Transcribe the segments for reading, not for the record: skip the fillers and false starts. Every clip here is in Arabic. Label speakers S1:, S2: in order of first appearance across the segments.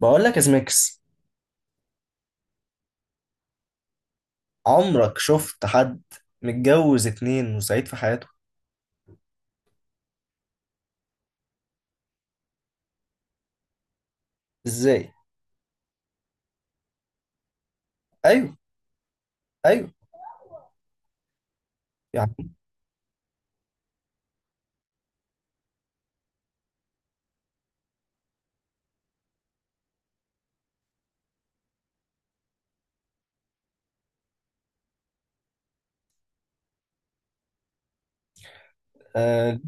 S1: بقول لك يا زميكس، عمرك شفت حد متجوز اتنين وسعيد في حياته؟ ازاي؟ ايوه. ايوه. يعني. آه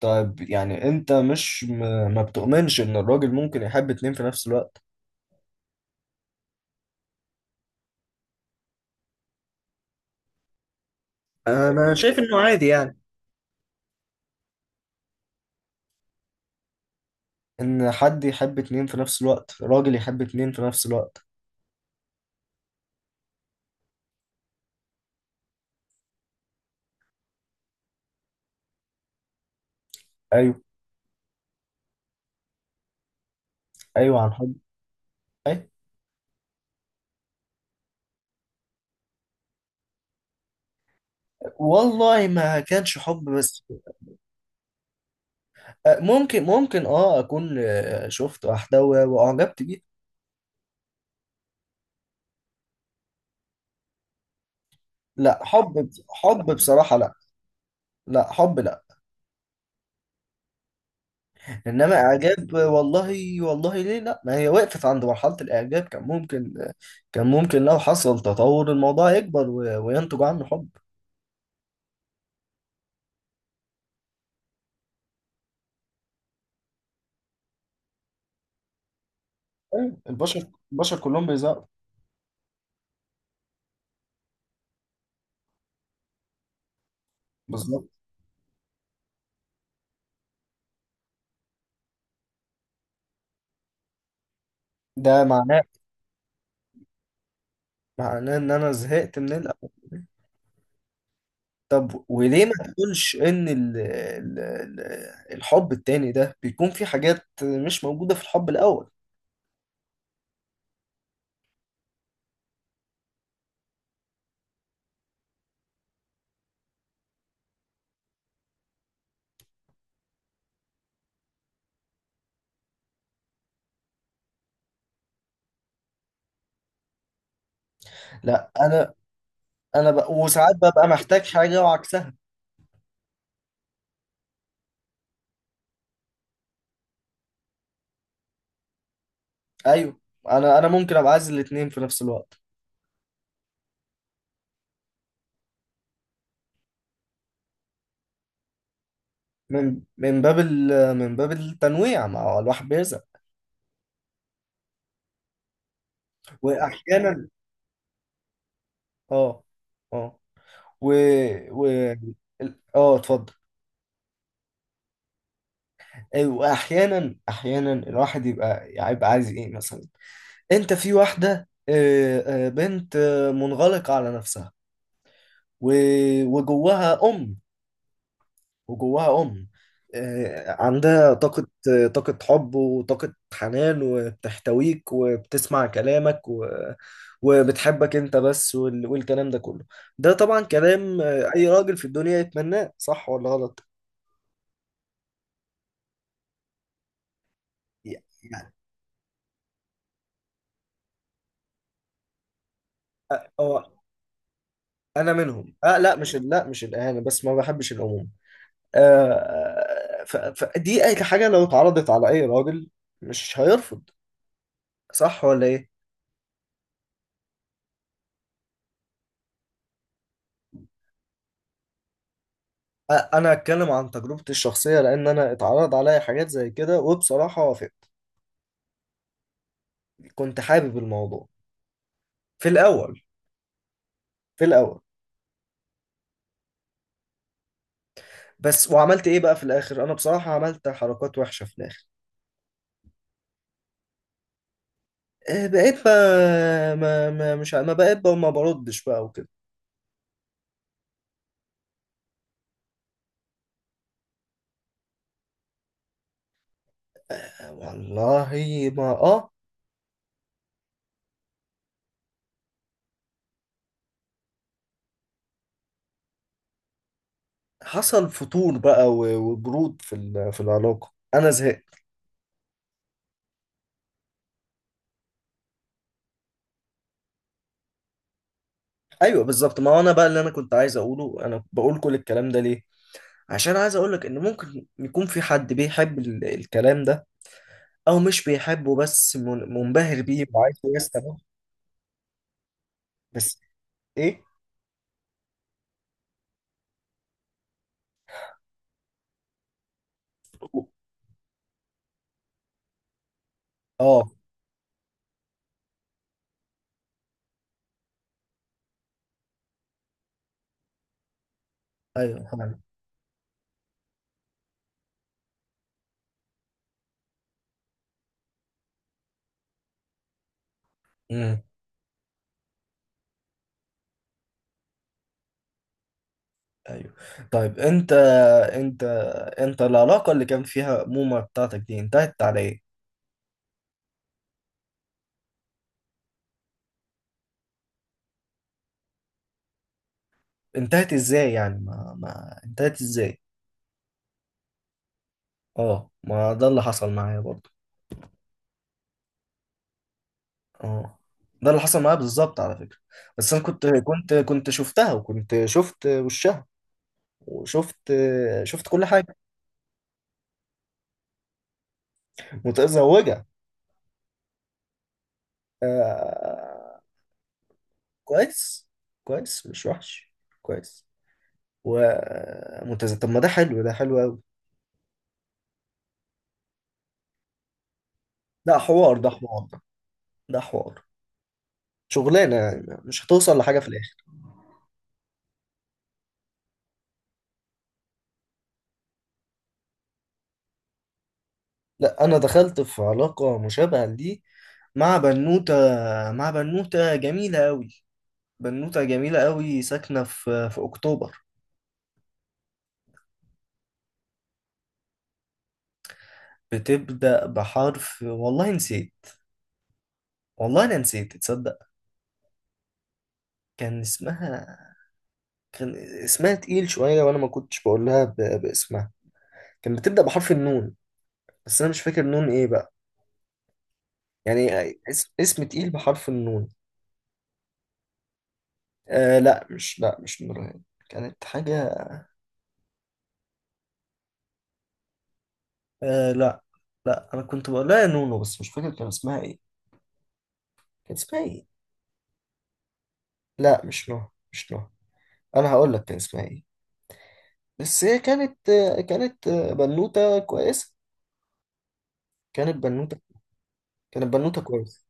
S1: طيب، يعني انت مش ما بتؤمنش ان الراجل ممكن يحب اتنين في نفس الوقت؟ انا شايف انه عادي، يعني ان حد يحب اتنين في نفس الوقت، راجل يحب اتنين في نفس الوقت. ايوه. ايوه، عن حب. ايوه. والله ما كانش حب، بس ممكن ممكن اكون شفت واحدة واعجبت بيها. لا، حب حب بصراحة لا. لا حب لا، انما اعجاب. والله والله ليه؟ لا، ما هي وقفت عند مرحله الاعجاب، كان ممكن، كان ممكن لو حصل تطور الموضوع يكبر وينتج عنه حب. أيوة، البشر، البشر كلهم بيزهقوا. بالظبط. ده معناه، معناه ان انا زهقت من الأول. طب وليه ما تقولش ان ال الحب التاني ده بيكون في حاجات مش موجوده في الحب الاول؟ لا انا. وساعات ببقى محتاج حاجه وعكسها. ايوه. انا ممكن ابقى عايز الاتنين في نفس الوقت، من باب من باب التنويع، ما هو الواحد بيرزق. واحيانا، اه، اه. و، و اتفضل. أي، واحيانا، احيانا الواحد يبقى، يبقى عايز ايه مثلا؟ انت في واحده، بنت منغلقه على نفسها وجواها ام، وجواها أم، عندها طاقة، طاقة حب وطاقة حنان، وبتحتويك وبتسمع كلامك وبتحبك أنت بس والكلام ده كله. ده طبعا كلام أي راجل في الدنيا يتمناه، صح ولا غلط؟ يعني. أ- أه أنا منهم، أه. لا، مش لا، مش الإهانة بس، ما بحبش العموم. فدي أي حاجة لو اتعرضت على أي راجل مش هيرفض، صح ولا إيه؟ انا هتكلم عن تجربتي الشخصيه، لان انا اتعرض عليا حاجات زي كده، وبصراحه وافقت. كنت حابب الموضوع في الاول، في الاول. بس وعملت ايه بقى في الاخر؟ انا بصراحه عملت حركات وحشه في الاخر. بقيت ما, ما, ما مش ع- ما بقيت بقى ما بردش بقى وكده. والله ما اه. حصل فتور بقى وبرود في في العلاقه، انا زهقت. ايوه بالظبط. ما هو انا بقى، اللي انا كنت عايز اقوله، انا بقول كل الكلام ده ليه عشان عايز اقولك ان ممكن يكون في حد بيحب الكلام ده، او مش بيحبه بس منبهر بيه وعايز يستمع. بس ايه؟ اه. ايوه فاهم. امم. ايوه. طيب انت، انت، انت العلاقه اللي كان فيها موما بتاعتك دي انتهت على ايه؟ انتهت ازاي يعني، ما ما انتهت ازاي؟ اه، ما ده اللي حصل معايا برضه. اه، ده اللي حصل معايا بالظبط على فكره. بس انا كنت شفتها وكنت شفت وشها، وشفت شفت كل حاجه. متزوجه؟ آه، كويس، كويس، مش وحش، كويس وممتازة. طب ما ده حلو، ده حلو أوي. ده حوار، ده حوار، ده حوار، شغلانة يعني مش هتوصل لحاجة في الآخر. لا، أنا دخلت في علاقة مشابهة لدي، مع بنوتة، مع بنوتة جميلة أوي، بنوتة جميلة أوي ساكنة في أكتوبر. بتبدأ بحرف والله نسيت، والله أنا نسيت تصدق. كان اسمها، كان اسمها تقيل شوية، وأنا ما كنتش بقولها باسمها. كان بتبدأ بحرف النون، بس انا مش فاكر نون ايه بقى، يعني اسم تقيل بحرف النون. آه لا، مش نورهان، كانت حاجة. آه لا، لا، انا كنت بقول لها يا نونو، بس مش فاكر كان اسمها ايه، كان اسمها ايه. لا مش نوح، مش نوح. انا هقول لك كان اسمها ايه، بس هي كانت، كانت، بنوتة كويسة، كانت بنوتة، كانت بنوتة كويسة.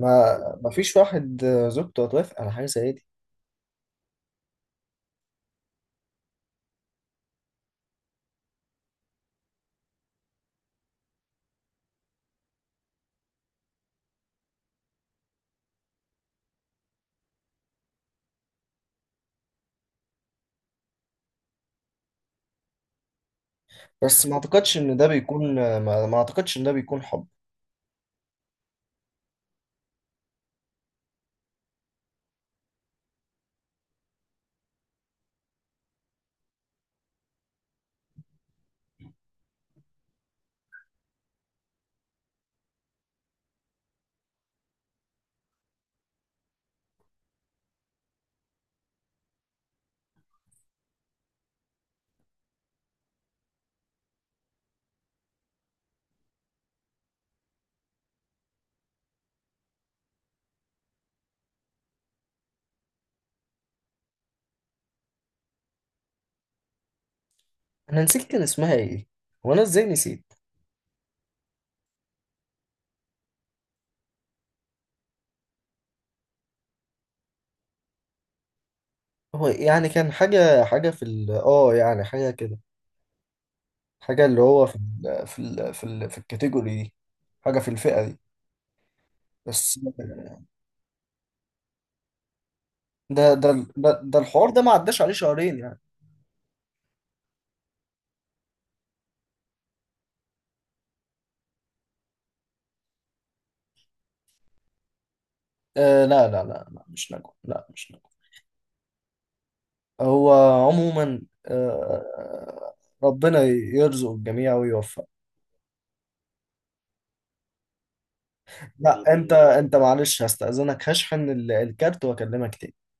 S1: ما ما فيش واحد زوجته هتوافق على حاجة زي دي. بس ما اعتقدش ان ده بيكون، آه، ما, ما اعتقدش ان ده بيكون حب. انا نسيت كان اسمها ايه، وانا ازاي نسيت؟ هو يعني كان حاجة، حاجة في ال اه يعني حاجة كده، حاجة اللي هو في الكاتيجوري دي، حاجة في الفئة دي، بس. ده، ده، ده الحوار ده ما عداش عليه شهرين يعني. آه لا لا لا لا، مش نجوى، لا مش نجوى. هو عموما، آه، ربنا يرزق الجميع ويوفق. لا انت، انت معلش، هستأذنك هشحن الكارت واكلمك تاني.